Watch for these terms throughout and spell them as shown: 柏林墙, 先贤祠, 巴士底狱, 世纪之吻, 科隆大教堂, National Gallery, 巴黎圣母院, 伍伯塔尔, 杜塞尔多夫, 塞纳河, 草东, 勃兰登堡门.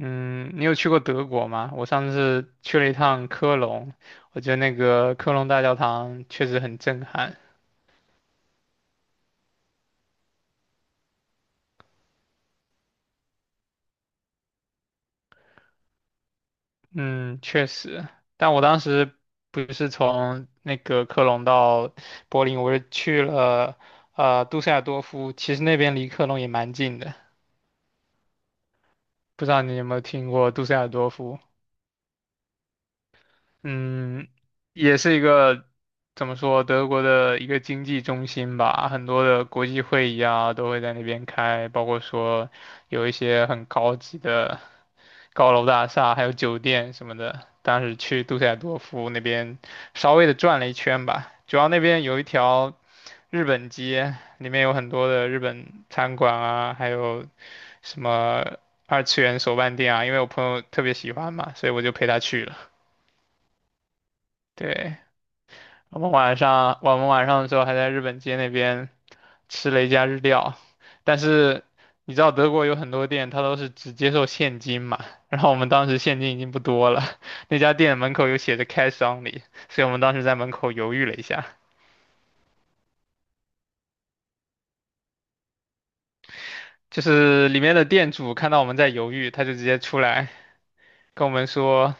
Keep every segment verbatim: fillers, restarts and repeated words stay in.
嗯，你有去过德国吗？我上次去了一趟科隆，我觉得那个科隆大教堂确实很震撼。嗯，确实，但我当时不是从那个科隆到柏林，我是去了呃杜塞尔多夫，其实那边离科隆也蛮近的，不知道你有没有听过杜塞尔多夫？嗯，也是一个怎么说，德国的一个经济中心吧，很多的国际会议啊都会在那边开，包括说有一些很高级的高楼大厦，还有酒店什么的。当时去杜塞尔多夫那边稍微的转了一圈吧，主要那边有一条日本街，里面有很多的日本餐馆啊，还有什么二次元手办店啊，因为我朋友特别喜欢嘛，所以我就陪他去了。对。我们晚上我们晚上的时候还在日本街那边吃了一家日料，但是你知道德国有很多店，它都是只接受现金嘛，然后我们当时现金已经不多了，那家店门口有写着 cash only，所以我们当时在门口犹豫了一下，就是里面的店主看到我们在犹豫，他就直接出来跟我们说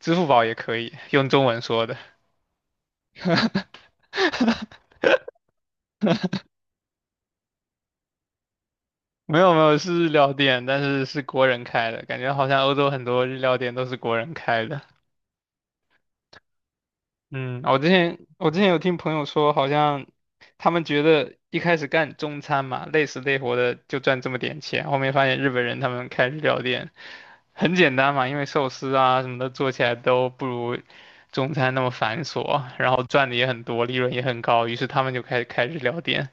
支付宝也可以，用中文说的。没有没有，是日料店，但是是国人开的，感觉好像欧洲很多日料店都是国人开的。嗯，我之前我之前有听朋友说，好像他们觉得一开始干中餐嘛，累死累活的就赚这么点钱，后面发现日本人他们开日料店很简单嘛，因为寿司啊什么的做起来都不如中餐那么繁琐，然后赚的也很多，利润也很高，于是他们就开始开日料店。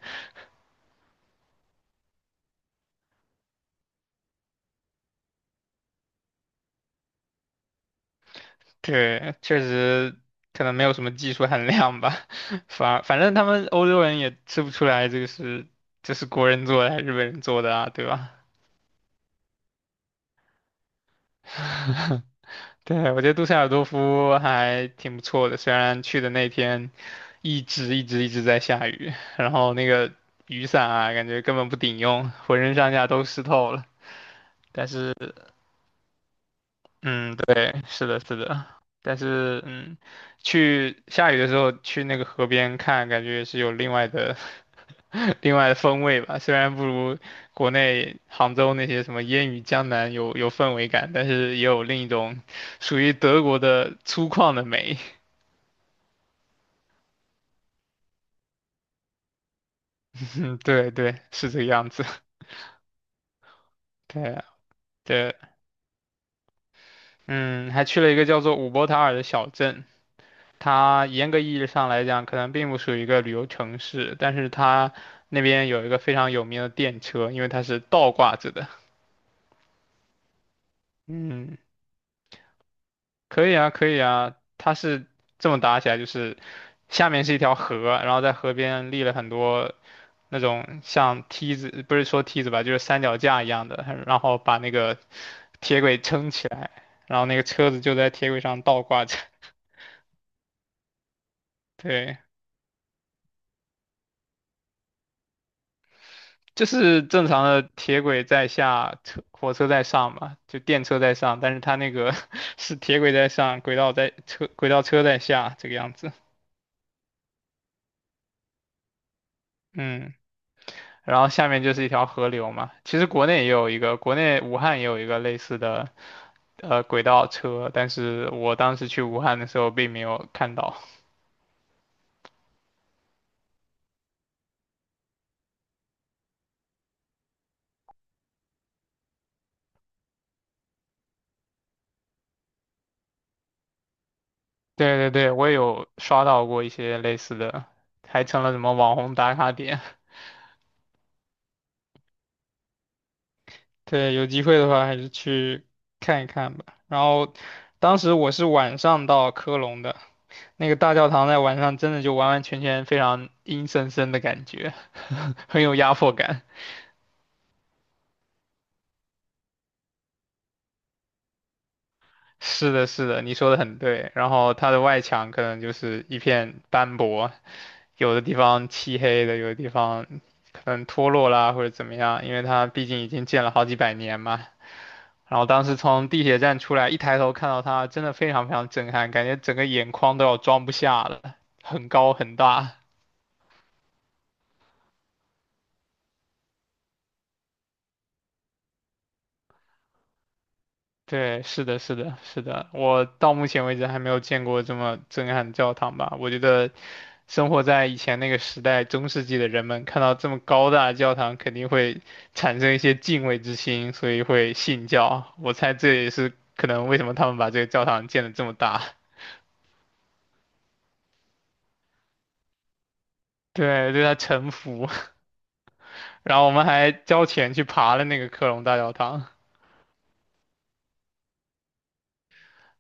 对，确实可能没有什么技术含量吧，反而反正他们欧洲人也吃不出来这个是这是国人做的还是日本人做的啊，对吧？对，我觉得杜塞尔多夫还挺不错的，虽然去的那天一直一直一直在下雨，然后那个雨伞啊，感觉根本不顶用，浑身上下都湿透了。但是，嗯，对，是的，是的，但是，嗯，去下雨的时候去那个河边看，感觉也是有另外的 另外的风味吧。虽然不如国内杭州那些什么烟雨江南有有氛围感，但是也有另一种属于德国的粗犷的美。嗯，对对，是这个样子。对对，嗯，还去了一个叫做伍伯塔尔的小镇，它严格意义上来讲，可能并不属于一个旅游城市，但是它那边有一个非常有名的电车，因为它是倒挂着的。嗯，可以啊，可以啊，它是这么搭起来，就是下面是一条河，然后在河边立了很多那种像梯子，不是说梯子吧，就是三脚架一样的，然后把那个铁轨撑起来，然后那个车子就在铁轨上倒挂着。对，就是正常的铁轨在下，车火车在上嘛，就电车在上，但是它那个 是铁轨在上，轨道在车轨道车在下这个样子。嗯。然后下面就是一条河流嘛。其实国内也有一个，国内武汉也有一个类似的呃轨道车，但是我当时去武汉的时候并没有看到。对对对，我也有刷到过一些类似的，还成了什么网红打卡点。对，有机会的话还是去看一看吧。然后，当时我是晚上到科隆的，那个大教堂在晚上真的就完完全全非常阴森森的感觉，很有压迫感。是的，是的，你说的很对。然后它的外墙可能就是一片斑驳，有的地方漆黑的，有的地方可能脱落啦或者怎么样，因为它毕竟已经建了好几百年嘛。然后当时从地铁站出来，一抬头看到它，真的非常非常震撼，感觉整个眼眶都要装不下了，很高很大。对，是的，是的，是的，我到目前为止还没有见过这么震撼的教堂吧。我觉得生活在以前那个时代，中世纪的人们看到这么高大的教堂，肯定会产生一些敬畏之心，所以会信教。我猜这也是可能为什么他们把这个教堂建得这么大，对，对他臣服。然后我们还交钱去爬了那个科隆大教堂。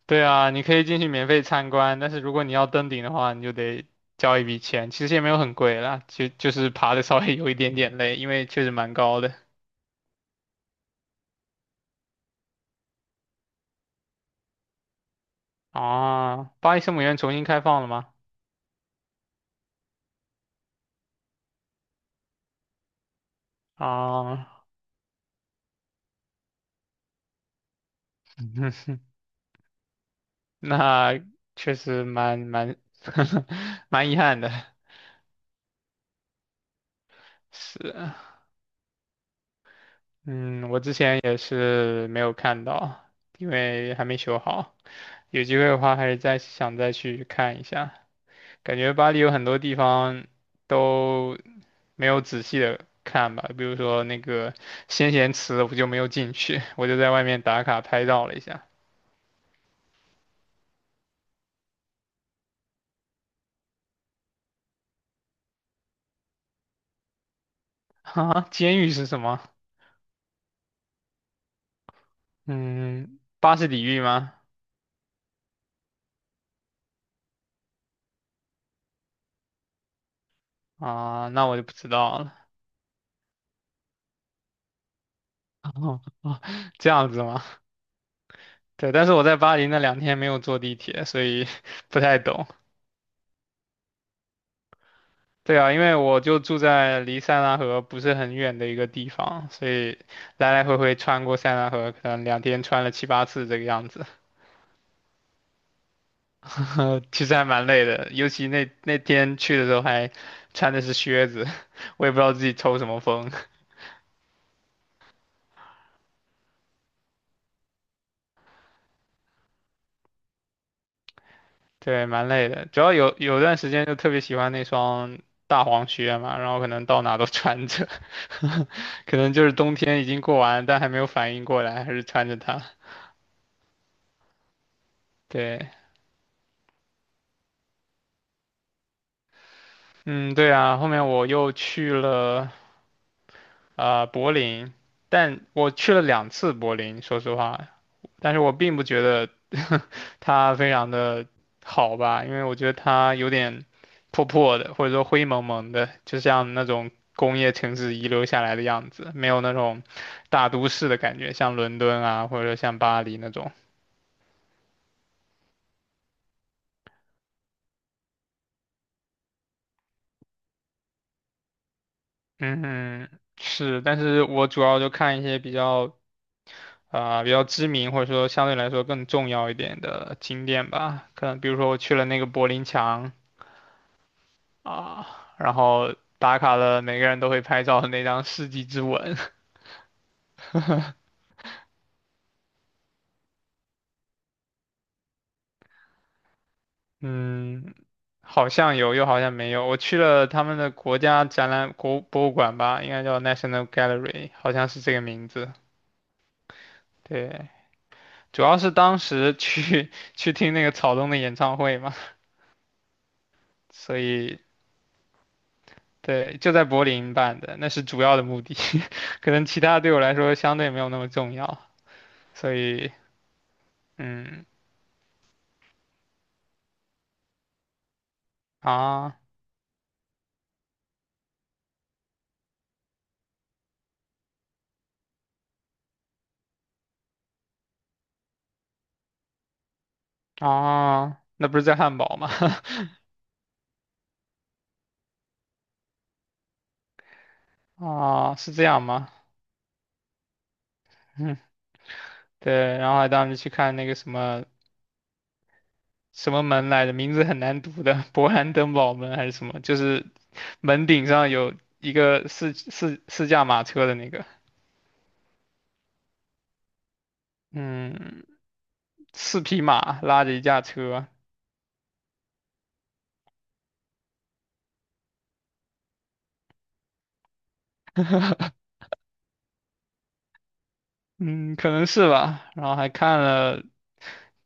对啊，你可以进去免费参观，但是如果你要登顶的话，你就得交一笔钱，其实也没有很贵啦，就就是爬的稍微有一点点累，因为确实蛮高的。啊，巴黎圣母院重新开放了吗？啊，那确实蛮蛮 蛮遗憾的，是，嗯，我之前也是没有看到，因为还没修好，有机会的话还是再想再去看一下。感觉巴黎有很多地方都没有仔细的看吧，比如说那个先贤祠，我就没有进去，我就在外面打卡拍照了一下。啊，监狱是什么？嗯，巴士底狱吗？啊，那我就不知道了。哦哦，这样子吗？对，但是我在巴黎那两天没有坐地铁，所以 不太懂。对啊，因为我就住在离塞纳河不是很远的一个地方，所以来来回回穿过塞纳河，可能两天穿了七八次这个样子，其实还蛮累的。尤其那那天去的时候还穿的是靴子，我也不知道自己抽什么风，对，蛮累的。主要有有段时间就特别喜欢那双大黄靴嘛，然后可能到哪都穿着，可能就是冬天已经过完，但还没有反应过来，还是穿着它。对，嗯，对啊，后面我又去了。啊、柏林，但我去了两次柏林，说实话，但是我并不觉得 它非常的好吧，因为我觉得它有点破破的，或者说灰蒙蒙的，就像那种工业城市遗留下来的样子，没有那种大都市的感觉，像伦敦啊，或者说像巴黎那种。嗯，是，但是我主要就看一些比较。啊、比较知名或者说相对来说更重要一点的景点吧，可能比如说我去了那个柏林墙，啊，然后打卡了，每个人都会拍照的那张世纪之吻，嗯，好像有，又好像没有。我去了他们的国家展览国博物馆吧，应该叫 National Gallery，好像是这个名字。对，主要是当时去 去听那个草东的演唱会嘛，所以对，就在柏林办的，那是主要的目的。可能其他对我来说相对没有那么重要，所以嗯啊啊，那不是在汉堡吗？啊，是这样吗？嗯，对，然后还当时去看那个什么什么门来着，名字很难读的，勃兰登堡门还是什么，就是门顶上有一个四四四驾马车的那个，嗯，四匹马拉着一架车，嗯，可能是吧。然后还看了，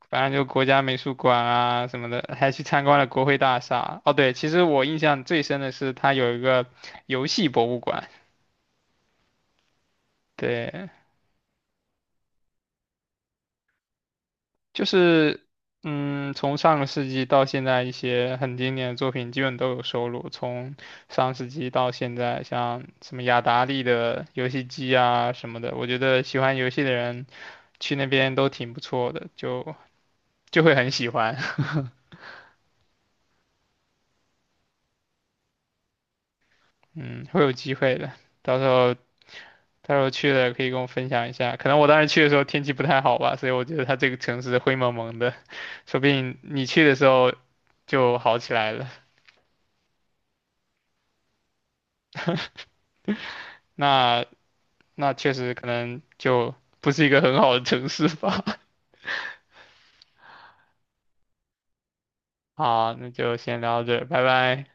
反正就国家美术馆啊什么的，还去参观了国会大厦。哦，对，其实我印象最深的是它有一个游戏博物馆，对。就是，嗯，从上个世纪到现在，一些很经典的作品基本都有收录。从上世纪到现在，像什么雅达利的游戏机啊什么的，我觉得喜欢游戏的人去那边都挺不错的，就就会很喜欢。嗯，会有机会的，到时候到时候去了可以跟我分享一下。可能我当时去的时候天气不太好吧，所以我觉得它这个城市灰蒙蒙的，说不定你去的时候就好起来了。那那确实可能就不是一个很好的城市吧。好，那就先聊到这儿拜拜。